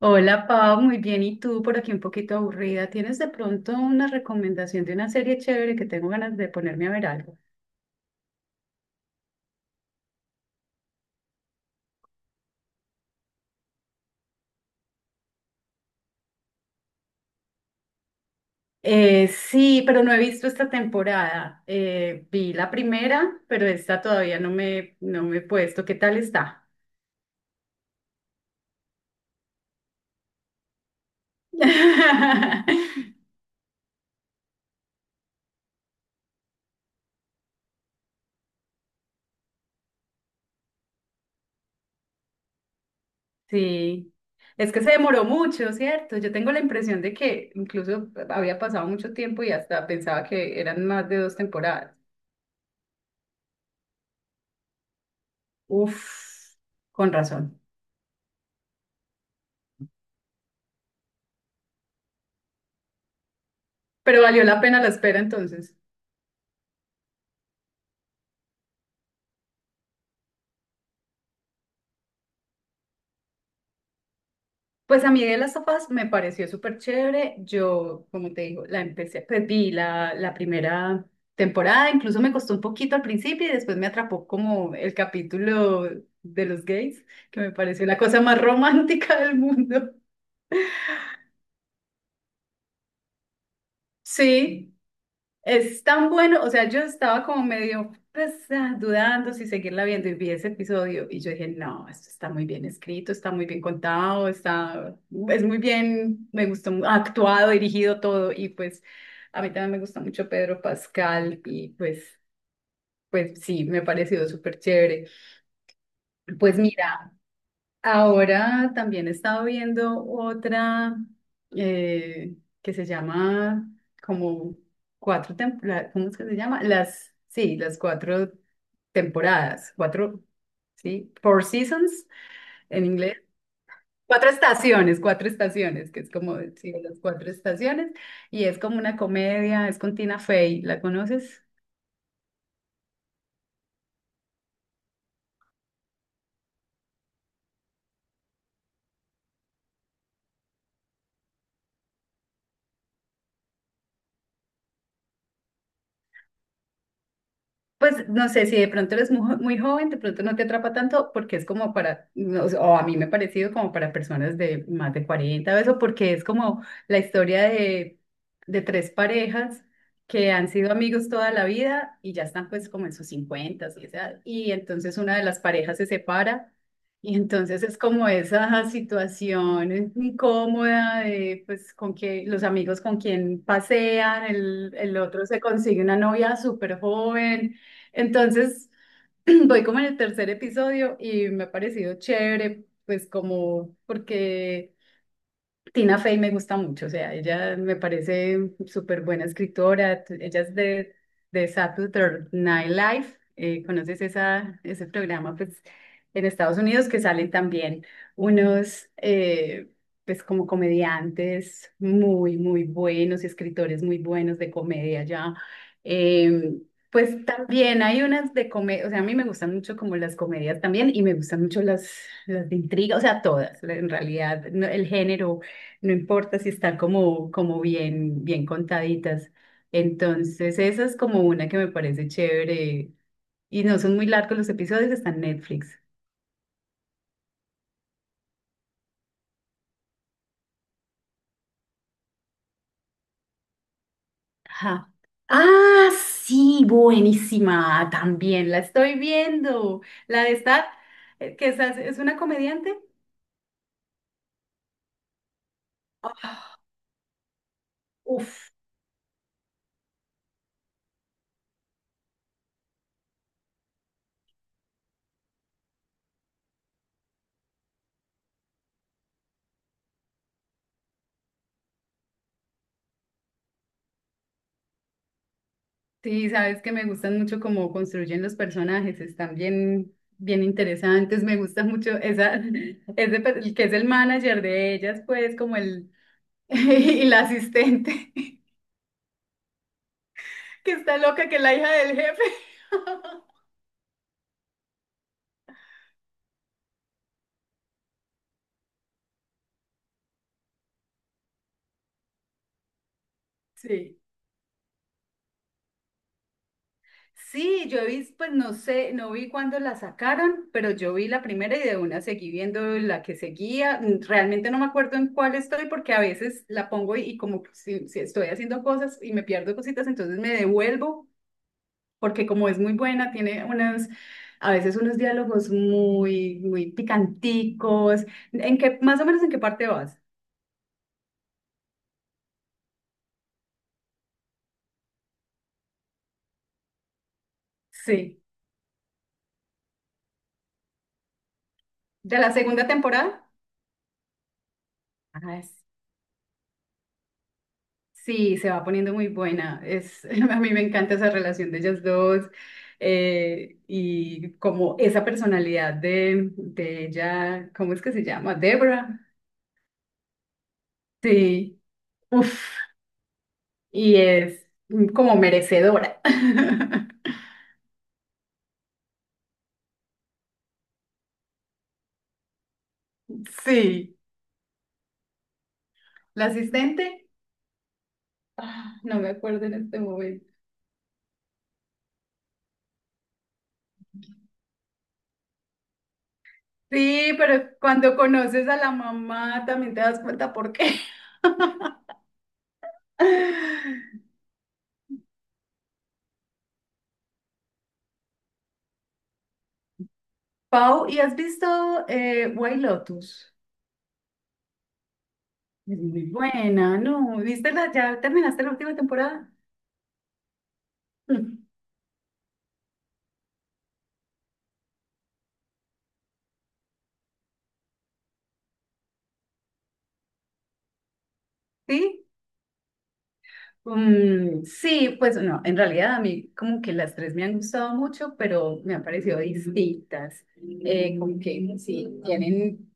Hola Pau, muy bien. ¿Y tú por aquí un poquito aburrida? ¿Tienes de pronto una recomendación de una serie chévere que tengo ganas de ponerme a ver algo? Sí, pero no he visto esta temporada. Vi la primera, pero esta todavía no me he puesto. ¿Qué tal está? Sí, es que se demoró mucho, ¿cierto? Yo tengo la impresión de que incluso había pasado mucho tiempo y hasta pensaba que eran más de dos temporadas. Uf, con razón. Pero valió la pena la espera entonces. Pues a mí de las sofás me pareció súper chévere. Yo, como te digo, la empecé, pues vi la primera temporada, incluso me costó un poquito al principio y después me atrapó como el capítulo de los gays, que me pareció la cosa más romántica del mundo. Sí, es tan bueno. O sea, yo estaba como medio pues, dudando si seguirla viendo, y vi ese episodio y yo dije: no, esto está muy bien escrito, está muy bien contado, está, es muy bien, me gustó, actuado, dirigido todo. Y pues a mí también me gusta mucho Pedro Pascal y pues, pues sí, me ha parecido súper chévere. Pues mira. Ahora también he estado viendo otra eh, que se llama como cuatro temporadas. ¿Cómo es que se llama? Las, sí, las cuatro temporadas, cuatro, sí, Four Seasons en inglés. Cuatro estaciones, que es como, sí, las cuatro estaciones, y es como una comedia, es con Tina Fey, ¿la conoces? Pues no sé, si de pronto eres muy joven, de pronto no te atrapa tanto porque es como para, no sé, o a mí me ha parecido como para personas de más de 40, o eso, porque es como la historia de tres parejas que han sido amigos toda la vida y ya están pues como en sus 50, y, edad, y entonces una de las parejas se separa y entonces es como esa situación incómoda de pues con que los amigos con quien pasean, el otro se consigue una novia súper joven. Entonces, voy como en el tercer episodio y me ha parecido chévere, pues como porque Tina Fey me gusta mucho. O sea, ella me parece súper buena escritora. Ella es de Saturday Night Live. ¿Conoces esa, ese programa? Pues en Estados Unidos que salen también unos, pues como comediantes muy, muy buenos y escritores muy buenos de comedia ya. Eh, pues también hay unas de comedia. O sea, a mí me gustan mucho como las comedias también y me gustan mucho las de intriga. O sea, todas, en realidad, el género no importa si están como, como bien, bien contaditas. Entonces, esa es como una que me parece chévere. Y no son muy largos los episodios, están en Netflix. Ajá. Ah, sí, buenísima. También la estoy viendo. La de esta, que esa es una comediante. Ah, uf, sí, sabes que me gustan mucho cómo construyen los personajes, están bien, bien interesantes. Me gusta mucho esa, ese, el que es el manager de ellas, pues como el, y la asistente, que está loca, que es la hija del jefe. Sí. Sí, yo vi, pues no sé, no vi cuándo la sacaron, pero yo vi la primera y de una seguí viendo la que seguía. Mm, realmente no me acuerdo en cuál estoy porque a veces la pongo y como si, si estoy haciendo cosas y me pierdo cositas, entonces me devuelvo porque como es muy buena, tiene unas, a veces unos diálogos muy, muy picanticos. ¿En qué, más o menos en qué parte vas? Sí. ¿De la segunda temporada? Ajá, es- sí, se va poniendo muy buena. Es, a mí me encanta esa relación de ellas dos y como esa personalidad de ella. ¿Cómo es que se llama? Debra. Sí, uff, y es como merecedora. Sí, la asistente, ah, no me acuerdo en este momento. Sí, pero cuando conoces a la mamá también te das cuenta por qué. Pau, ¿y has visto White Lotus? Es muy buena, ¿no? ¿Viste la, ya terminaste la última temporada? Mm. ¿Sí? Mm, sí, pues no, en realidad a mí como que las tres me han gustado mucho, pero me han parecido distintas. Como que sí, tienen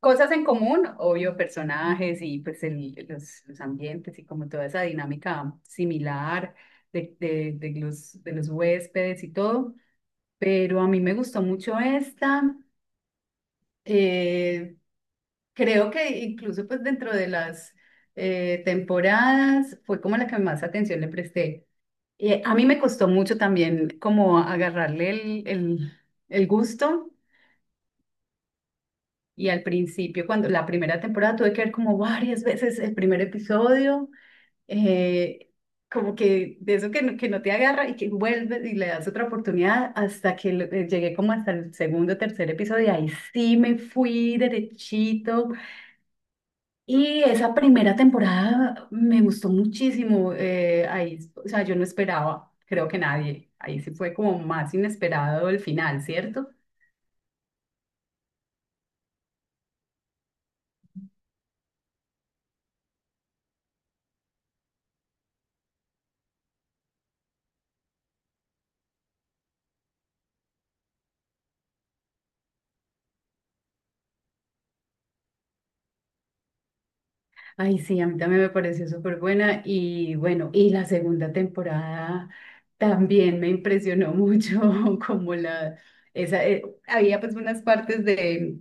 cosas en común, obvio, personajes y pues los ambientes y como toda esa dinámica similar de los huéspedes y todo, pero a mí me gustó mucho esta. Eh, creo que incluso pues dentro de las temporadas fue como la que más atención le presté. A mí me costó mucho también como agarrarle el gusto y al principio, cuando la primera temporada tuve que ver como varias veces el primer episodio, eh, como que de eso que no te agarra y que vuelves y le das otra oportunidad hasta que llegué como hasta el segundo, tercer episodio y ahí sí me fui derechito. Y esa primera temporada me gustó muchísimo. Ahí, o sea, yo no esperaba, creo que nadie. Ahí sí fue como más inesperado el final, ¿cierto? Ay, sí, a mí también me pareció súper buena. Y bueno, y la segunda temporada también me impresionó mucho, como la, esa, había pues unas partes de,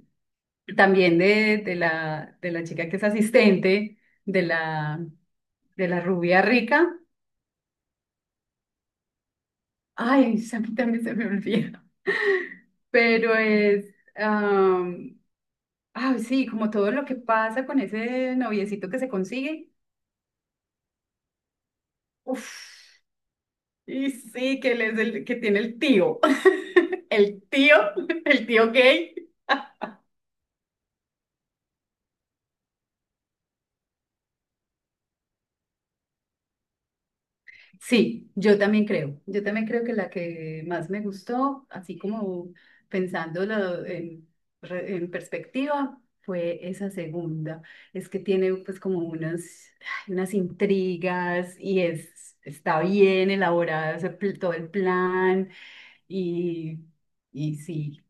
también de la chica que es asistente, de la, de la rubia rica. Ay, a mí también se me olvida. Pero es, am, ay, sí, como todo lo que pasa con ese noviecito que se consigue. Uf, y sí, que él es el que tiene el tío. El tío, el tío gay. Sí, yo también creo. Yo también creo que la que más me gustó, así como pensándolo en, en perspectiva, fue esa segunda. Es que tiene pues como unas, ay, unas intrigas y es, está bien elaborado ese todo el plan y, y sí.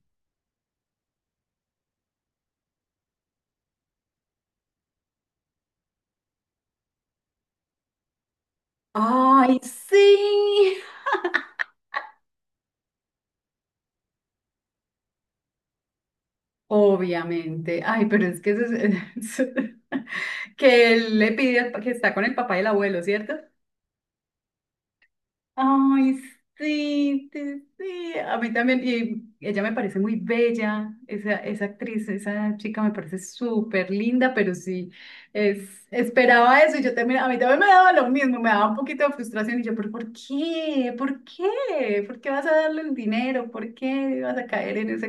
¡Ay, sí! Obviamente. Ay, pero es que eso es- que él le pide al que está con el papá y el abuelo, ¿cierto? Ay, sí, sí, sí. A mí también. Y ella me parece muy bella, esa actriz, esa chica me parece súper linda, pero sí, es, esperaba eso y yo también, a mí también me daba lo mismo, me daba un poquito de frustración y yo, pero ¿por qué? ¿Por qué? ¿Por qué vas a darle el dinero? ¿Por qué vas a caer en esa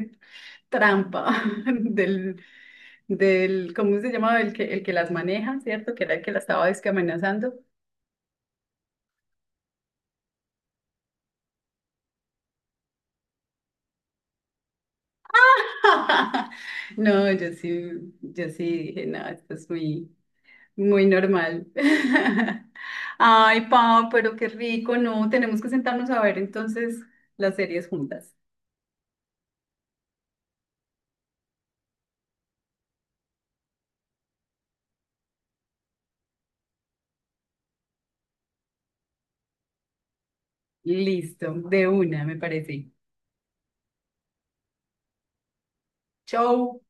trampa del, del, ¿cómo se llamaba? El que las maneja, ¿cierto? Que era el que la estaba es que amenazando. No, yo sí, yo sí dije, no, esto es muy, muy normal. Ay, Pau, pero qué rico, no, tenemos que sentarnos a ver entonces las series juntas. Listo, de una, me parece. Chau.